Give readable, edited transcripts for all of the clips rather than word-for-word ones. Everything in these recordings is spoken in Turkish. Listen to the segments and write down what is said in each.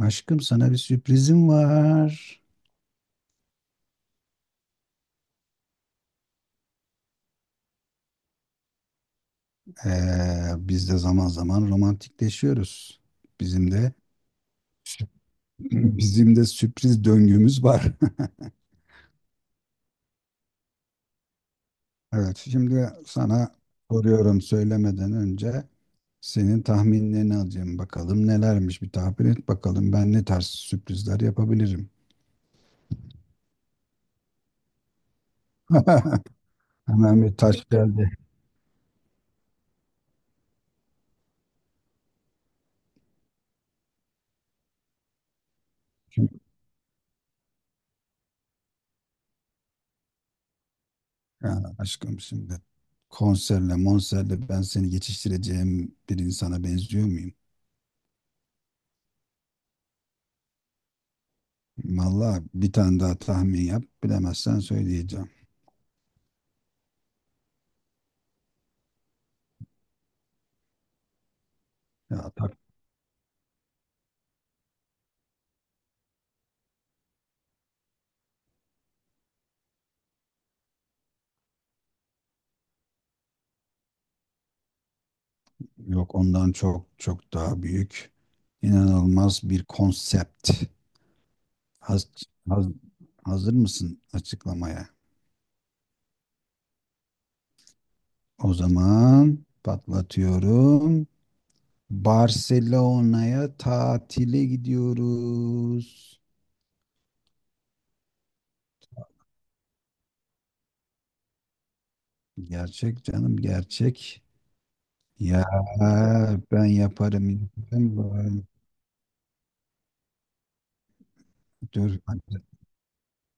Aşkım sana bir sürprizim var. Ee, Biz de zaman zaman romantikleşiyoruz. Bizim de bizim de sürpriz döngümüz var. Evet, şimdi sana soruyorum, söylemeden önce senin tahminlerini alacağım. Bakalım nelermiş, bir tahmin et bakalım, ben ne tarz sürprizler yapabilirim. Hemen bir taş geldi. Çünkü- Ha, aşkım, şimdi konserle monserle ben seni geçiştireceğim bir insana benziyor muyum? Vallahi bir tane daha tahmin yap. Bilemezsen söyleyeceğim. Ya tak Yok, ondan çok daha büyük. İnanılmaz bir konsept. Haz- haz- Hazır mısın açıklamaya? O zaman patlatıyorum. Barcelona'ya tatile gidiyoruz. Gerçek canım, gerçek. Ya ben yaparım. Hadi.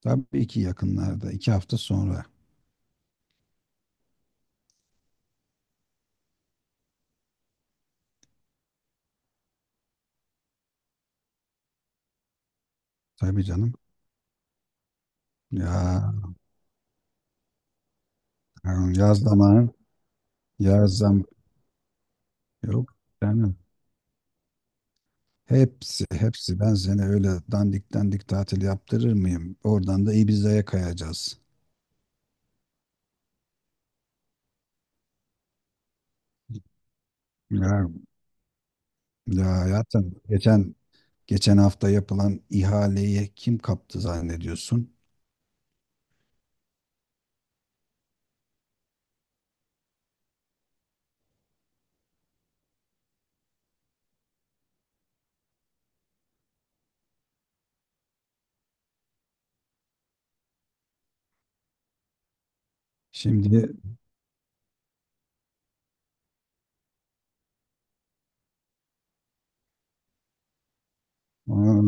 Tabii ki yakınlarda. İki hafta sonra. Tabii canım. Ya yani yaz zaman yaz zam Yok canım. Hepsi hepsi ben seni öyle dandik dandik tatil yaptırır mıyım? Oradan da Ibiza'ya kayacağız. Ya, Ya hayatım, geçen hafta yapılan ihaleyi kim kaptı zannediyorsun? Şimdi, aa,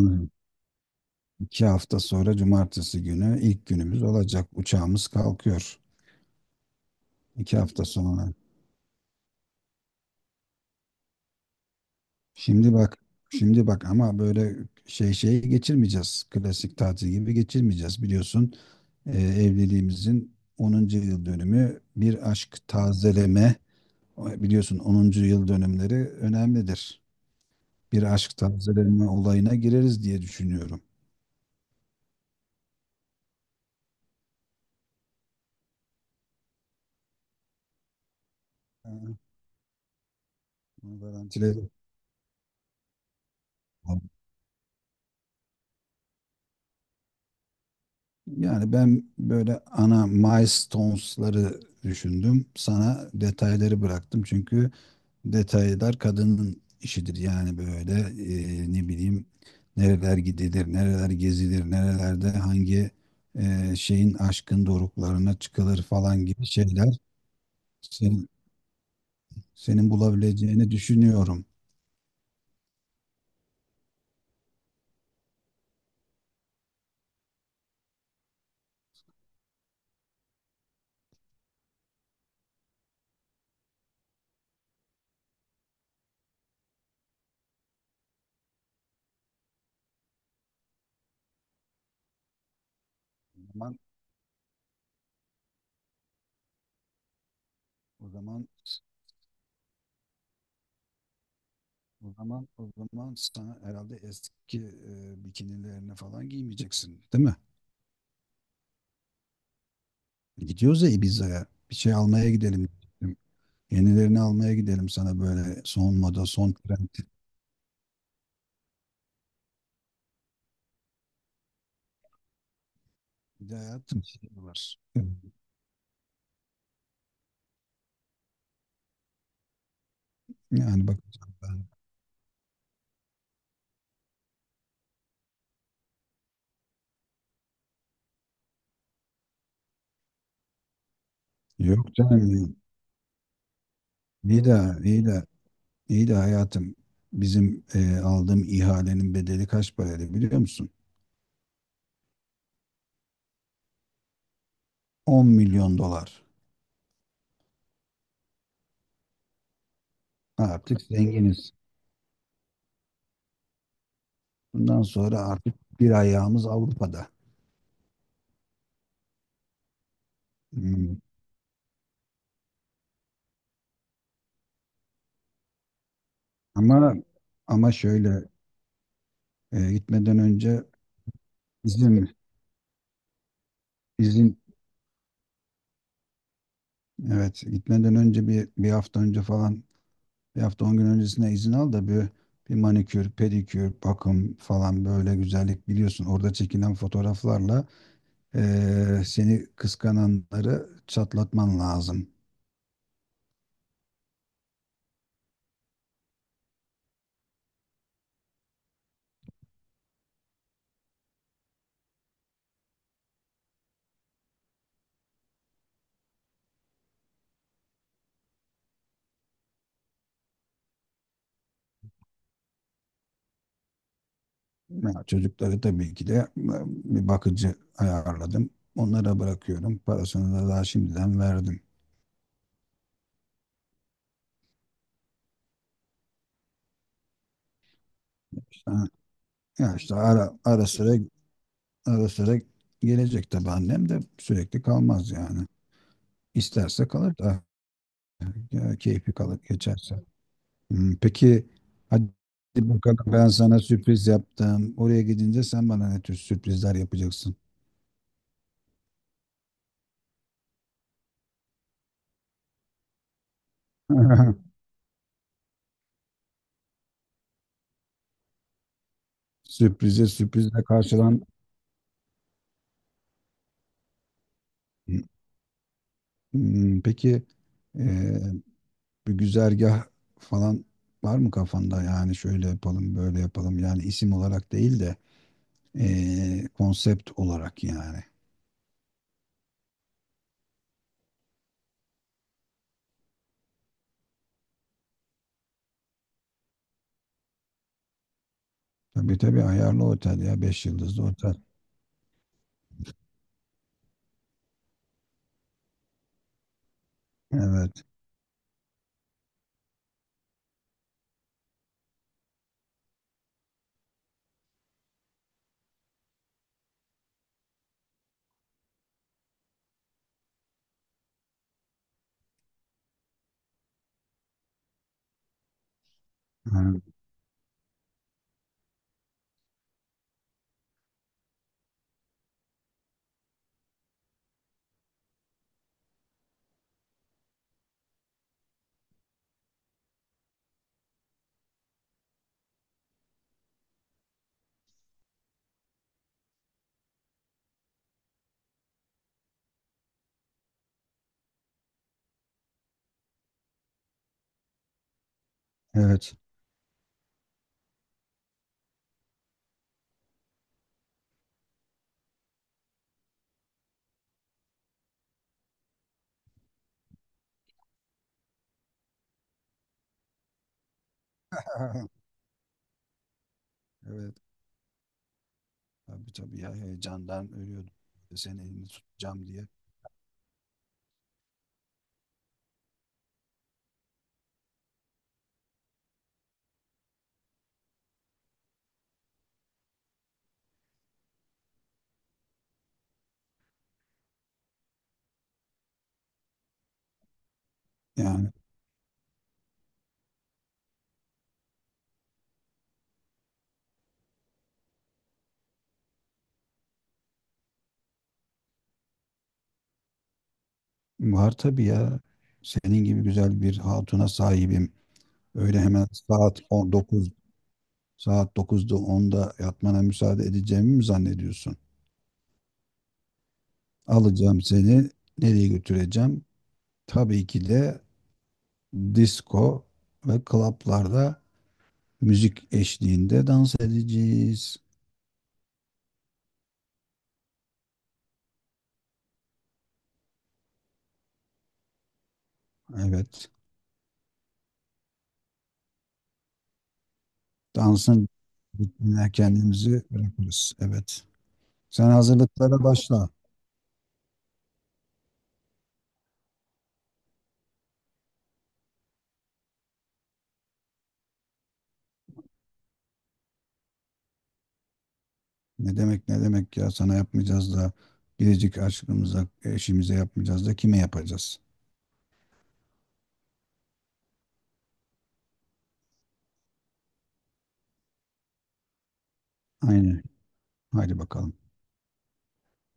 iki hafta sonra cumartesi günü ilk günümüz olacak. Uçağımız kalkıyor. İki hafta sonra. Şimdi bak, Şimdi bak, ama böyle şey geçirmeyeceğiz. Klasik tatil gibi geçirmeyeceğiz. Biliyorsun, evliliğimizin onuncu yıl dönümü, bir aşk tazeleme. Biliyorsun, onuncu yıl dönümleri önemlidir. Bir aşk tazeleme olayına gireriz diye düşünüyorum. Ha, bunu garantiledim. Yani ben böyle ana milestones'ları düşündüm. Sana detayları bıraktım, çünkü detaylar kadının işidir. Yani böyle, ne bileyim, nereler gidilir, nereler gezilir, nerelerde hangi şeyin aşkın doruklarına çıkılır falan gibi şeyler senin, senin bulabileceğini düşünüyorum. O zaman o zaman o zaman o zaman sana herhalde eski bikinilerini falan giymeyeceksin, değil mi? Gidiyoruz ya Ibiza'ya. Bir şey almaya gidelim. Yenilerini almaya gidelim, sana böyle son moda, son trend. Bir de hayatım, şey var. Yani bakacağım ben. Yok canım ya. İyi de iyi de iyi de hayatım, bizim aldığım ihalenin bedeli kaç paraydı biliyor musun? 10 milyon dolar. Artık zenginiz. Bundan sonra artık bir ayağımız Avrupa'da. Hmm. Ama ama şöyle, gitmeden önce bizim izin, evet, gitmeden önce bir hafta önce falan, bir hafta 10 gün öncesine izin al da bir, bir manikür, pedikür, bakım falan, böyle güzellik, biliyorsun. Orada çekilen fotoğraflarla seni kıskananları çatlatman lazım. Ya, çocukları tabii ki de, bir bakıcı ayarladım. Onlara bırakıyorum. Parasını da daha şimdiden verdim. İşte, ya işte ara sıra gelecek tabii, annem de sürekli kalmaz yani. İsterse kalır da, ya, keyfi kalır geçerse. Hmm. Peki, hadi bakalım, ben sana sürpriz yaptım. Oraya gidince sen bana ne tür sürprizler yapacaksın? Sürprize sürprizle karşılan. Hmm. Peki, eee, bir güzergah falan var mı kafanda? Yani şöyle yapalım, böyle yapalım. Yani isim olarak değil de konsept olarak yani. Tabii tabii, ayarlı otel ya. 5 yıldızlı otel. Evet. Ha. Evet. Evet. Tabii tabii ya, heyecandan ölüyordum. Seni, elini tutacağım diye. Yani var tabii ya. Senin gibi güzel bir hatuna sahibim. Öyle hemen saat 19, saat 9'da 10'da yatmana müsaade edeceğimi mi zannediyorsun? Alacağım seni. Nereye götüreceğim? Tabii ki de disco ve klaplarda müzik eşliğinde dans edeceğiz. Evet. Dansın ritmine kendimizi bırakırız. Evet. Sen hazırlıklara başla. Ne demek, ne demek ya, sana yapmayacağız da biricik aşkımıza, eşimize yapmayacağız da kime yapacağız? Aynen. Haydi bakalım.